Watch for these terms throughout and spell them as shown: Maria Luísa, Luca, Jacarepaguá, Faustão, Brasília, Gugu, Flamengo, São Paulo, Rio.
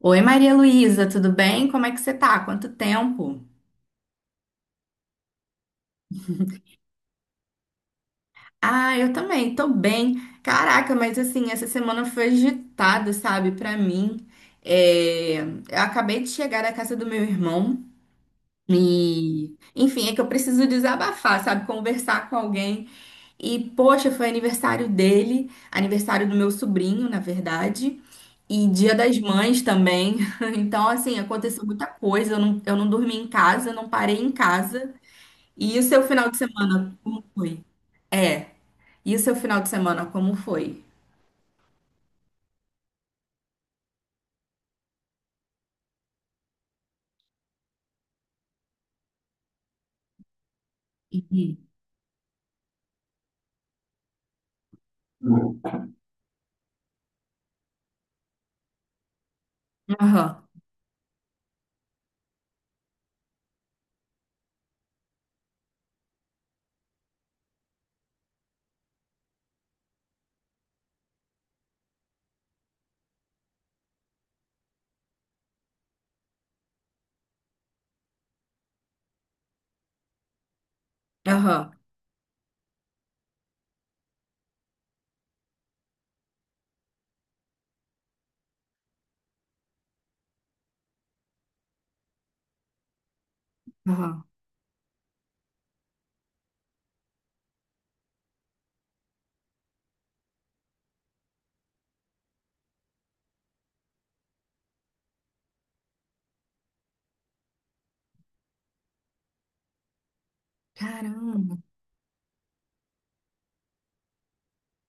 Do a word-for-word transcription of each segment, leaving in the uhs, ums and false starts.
Oi, Maria Luísa, tudo bem? Como é que você tá? Quanto tempo? Ah, eu também, tô bem. Caraca, mas assim, essa semana foi agitada, sabe, pra mim. É, eu acabei de chegar da casa do meu irmão e, enfim, é que eu preciso desabafar, sabe, conversar com alguém. E, poxa, foi aniversário dele, aniversário do meu sobrinho, na verdade. E Dia das Mães também. Então, assim, aconteceu muita coisa. Eu não, eu não dormi em casa, eu não parei em casa. E o seu final de semana, como foi? É. E o seu final de semana, como foi? Uhum. Aham, aham, aham. Caramba.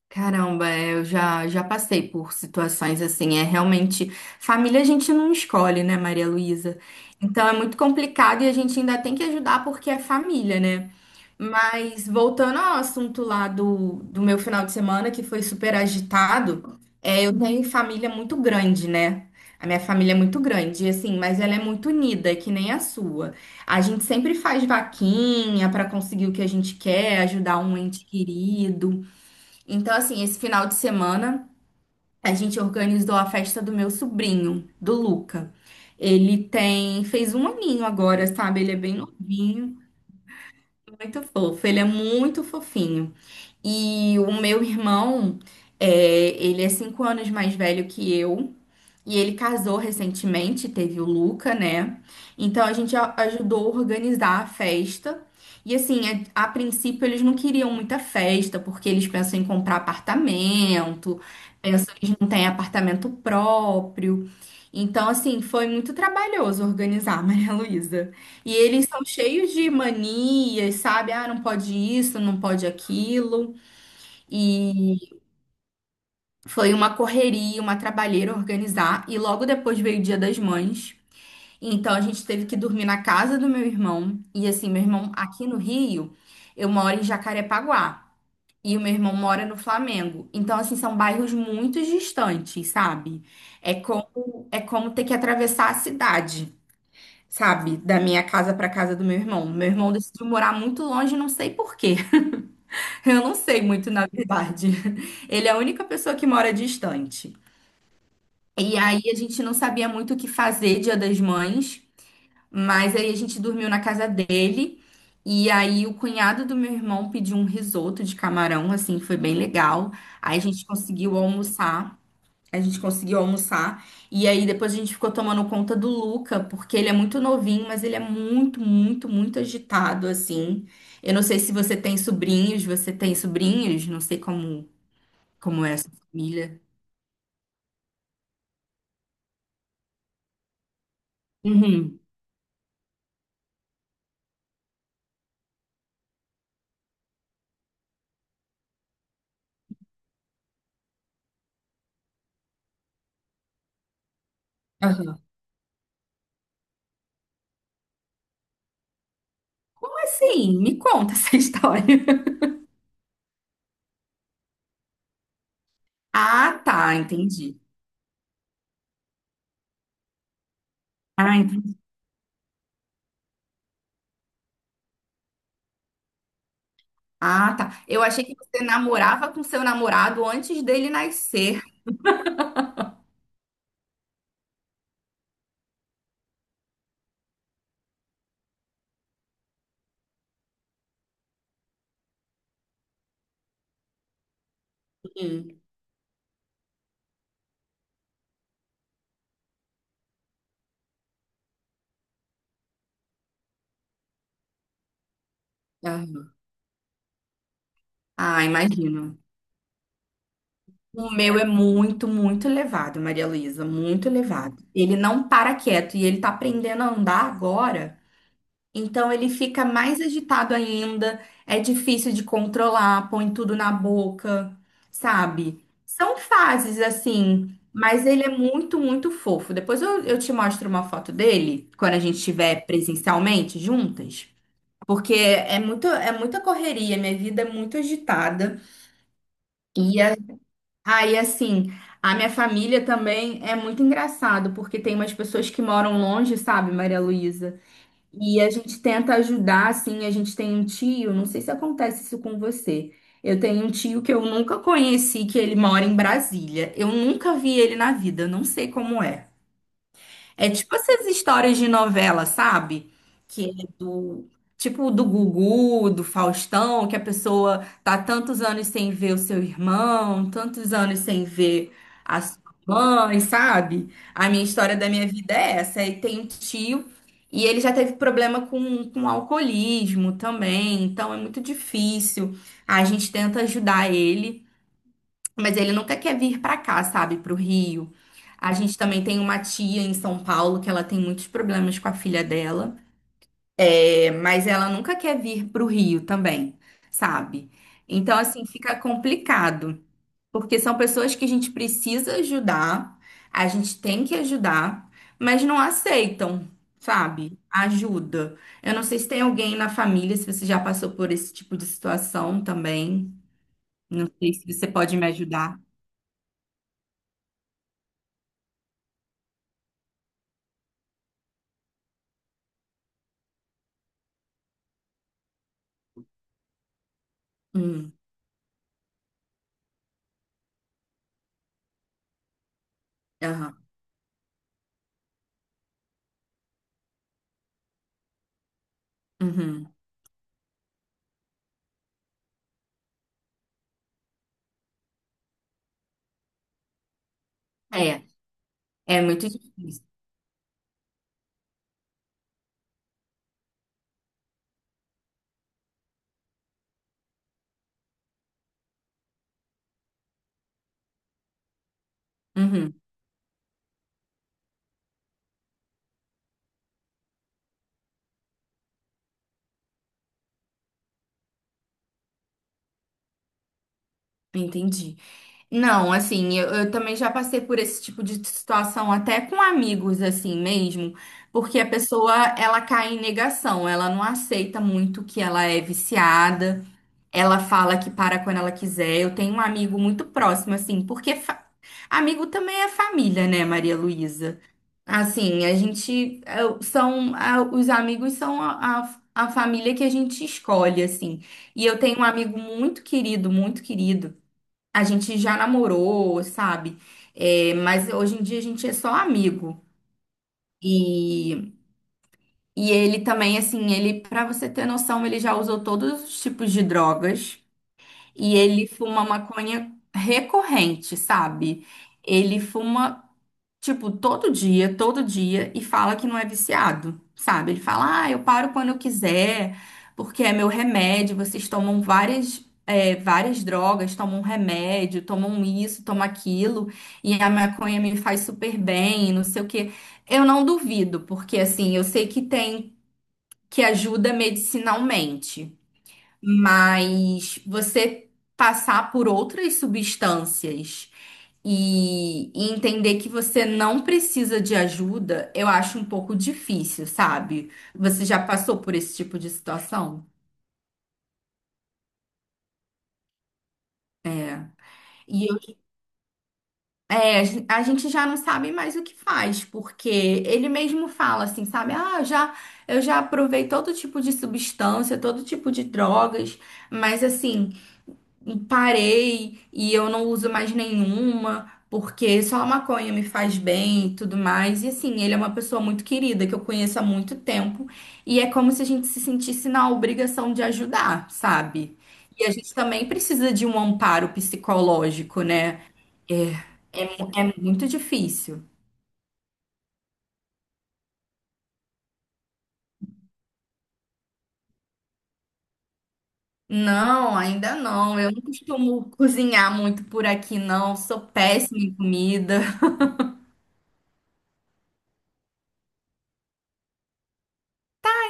Caramba, é, eu já, já passei por situações assim. É realmente. Família a gente não escolhe, né, Maria Luísa? Então é muito complicado e a gente ainda tem que ajudar porque é família, né? Mas voltando ao assunto lá do, do meu final de semana, que foi super agitado, é, eu tenho família muito grande, né? A minha família é muito grande, e assim, mas ela é muito unida, que nem a sua. A gente sempre faz vaquinha para conseguir o que a gente quer, ajudar um ente querido. Então, assim, esse final de semana a gente organizou a festa do meu sobrinho, do Luca. Ele tem, fez um aninho agora, sabe? Ele é bem novinho, muito fofo. Ele é muito fofinho. E o meu irmão, é, ele é cinco anos mais velho que eu. E ele casou recentemente, teve o Luca, né? Então a gente a- ajudou a organizar a festa. E assim, a, a princípio eles não queriam muita festa, porque eles pensam em comprar apartamento, pensam que eles não têm apartamento próprio. Então, assim, foi muito trabalhoso organizar, Maria Luísa. E eles são cheios de manias, sabe? Ah, não pode isso, não pode aquilo. Foi uma correria, uma trabalheira organizar, e logo depois veio o Dia das Mães. Então a gente teve que dormir na casa do meu irmão. E assim, meu irmão aqui no Rio, eu moro em Jacarepaguá. E o meu irmão mora no Flamengo. Então, assim, são bairros muito distantes, sabe? É como, é como ter que atravessar a cidade, sabe? Da minha casa para casa do meu irmão. Meu irmão decidiu morar muito longe, não sei por quê. Eu não sei muito, na verdade. Ele é a única pessoa que mora distante. E aí a gente não sabia muito o que fazer Dia das Mães, mas aí a gente dormiu na casa dele. E aí o cunhado do meu irmão pediu um risoto de camarão, assim, foi bem legal. Aí a gente conseguiu almoçar. A gente conseguiu almoçar. E aí depois a gente ficou tomando conta do Luca, porque ele é muito novinho, mas ele é muito, muito, muito agitado, assim. Eu não sei se você tem sobrinhos, você tem sobrinhos? Não sei como, como é a sua família. Uhum. Sim, me conta essa história. Ah, tá, entendi. Ah, entendi. Ah, tá. Eu achei que você namorava com seu namorado antes dele nascer. Sim. Aham. Ah, imagino. O meu é muito, muito elevado, Maria Luísa, muito elevado. Ele não para quieto e ele tá aprendendo a andar agora. Então ele fica mais agitado ainda, é difícil de controlar, põe tudo na boca, sabe? São fases assim, mas ele é muito, muito fofo. Depois eu, eu te mostro uma foto dele, quando a gente estiver presencialmente juntas, porque é muito, é muita correria, minha vida é muito agitada. E a- aí, assim, a minha família também é muito engraçado, porque tem umas pessoas que moram longe, sabe, Maria Luísa? E a gente tenta ajudar, assim, a gente tem um tio, não sei se acontece isso com você. Eu tenho um tio que eu nunca conheci, que ele mora em Brasília. Eu nunca vi ele na vida, eu não sei como é. É tipo essas histórias de novela, sabe? Que é do tipo do Gugu, do Faustão, que a pessoa tá tantos anos sem ver o seu irmão, tantos anos sem ver a sua mãe, sabe? A minha história da minha vida é essa. E tem um tio e ele já teve problema com, com alcoolismo também, então é muito difícil. A gente tenta ajudar ele. Mas ele nunca quer vir pra cá, sabe, pro Rio. A gente também tem uma tia em São Paulo que ela tem muitos problemas com a filha dela, é, mas ela nunca quer vir pro Rio também, sabe? Então, assim, fica complicado, porque são pessoas que a gente precisa ajudar, a gente tem que ajudar, mas não aceitam, sabe? Ajuda. Eu não sei se tem alguém na família, se você já passou por esse tipo de situação também. Não sei se você pode me ajudar. Hum, aham. Uhum. É, é muito difícil. Uhum. Entendi. Não, assim, eu, eu também já passei por esse tipo de situação até com amigos, assim mesmo, porque a pessoa, ela cai em negação, ela não aceita muito que ela é viciada, ela fala que para quando ela quiser. Eu tenho um amigo muito próximo, assim, porque fa- Amigo também é família, né, Maria Luísa? Assim, a gente é, são a- os amigos são a, a, a família que a gente escolhe, assim. E eu tenho um amigo muito querido, muito querido. A gente já namorou, sabe? É, mas hoje em dia a gente é só amigo. E, e ele também, assim, ele, para você ter noção, ele já usou todos os tipos de drogas e ele fuma maconha recorrente, sabe? Ele fuma tipo, todo dia, todo dia, e fala que não é viciado, sabe? Ele fala, ah, eu paro quando eu quiser, porque é meu remédio, vocês tomam várias. É, várias drogas, tomam remédio, tomam isso, tomam aquilo, e a maconha me faz super bem, não sei o quê. Eu não duvido, porque assim, eu sei que tem, que ajuda medicinalmente, mas você passar por outras substâncias. E, e entender que você não precisa de ajuda, eu acho um pouco difícil, sabe? Você já passou por esse tipo de situação? É. E eu- É, a gen- a gente já não sabe mais o que faz, porque ele mesmo fala assim, sabe? Ah, eu já, eu já provei todo tipo de substância, todo tipo de drogas, mas assim. Parei e eu não uso mais nenhuma, porque só a maconha me faz bem e tudo mais. E assim, ele é uma pessoa muito querida que eu conheço há muito tempo, e é como se a gente se sentisse na obrigação de ajudar, sabe? E a gente também precisa de um amparo psicológico, né? É muito difícil. Não, ainda não. Eu não costumo cozinhar muito por aqui, não. Sou péssima em comida.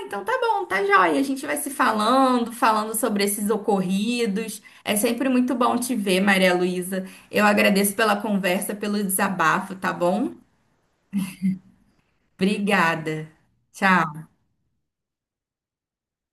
Então tá bom, tá joia. A gente vai se falando, falando sobre esses ocorridos. É sempre muito bom te ver, Maria Luísa. Eu agradeço pela conversa, pelo desabafo, tá bom? Obrigada. Tchau.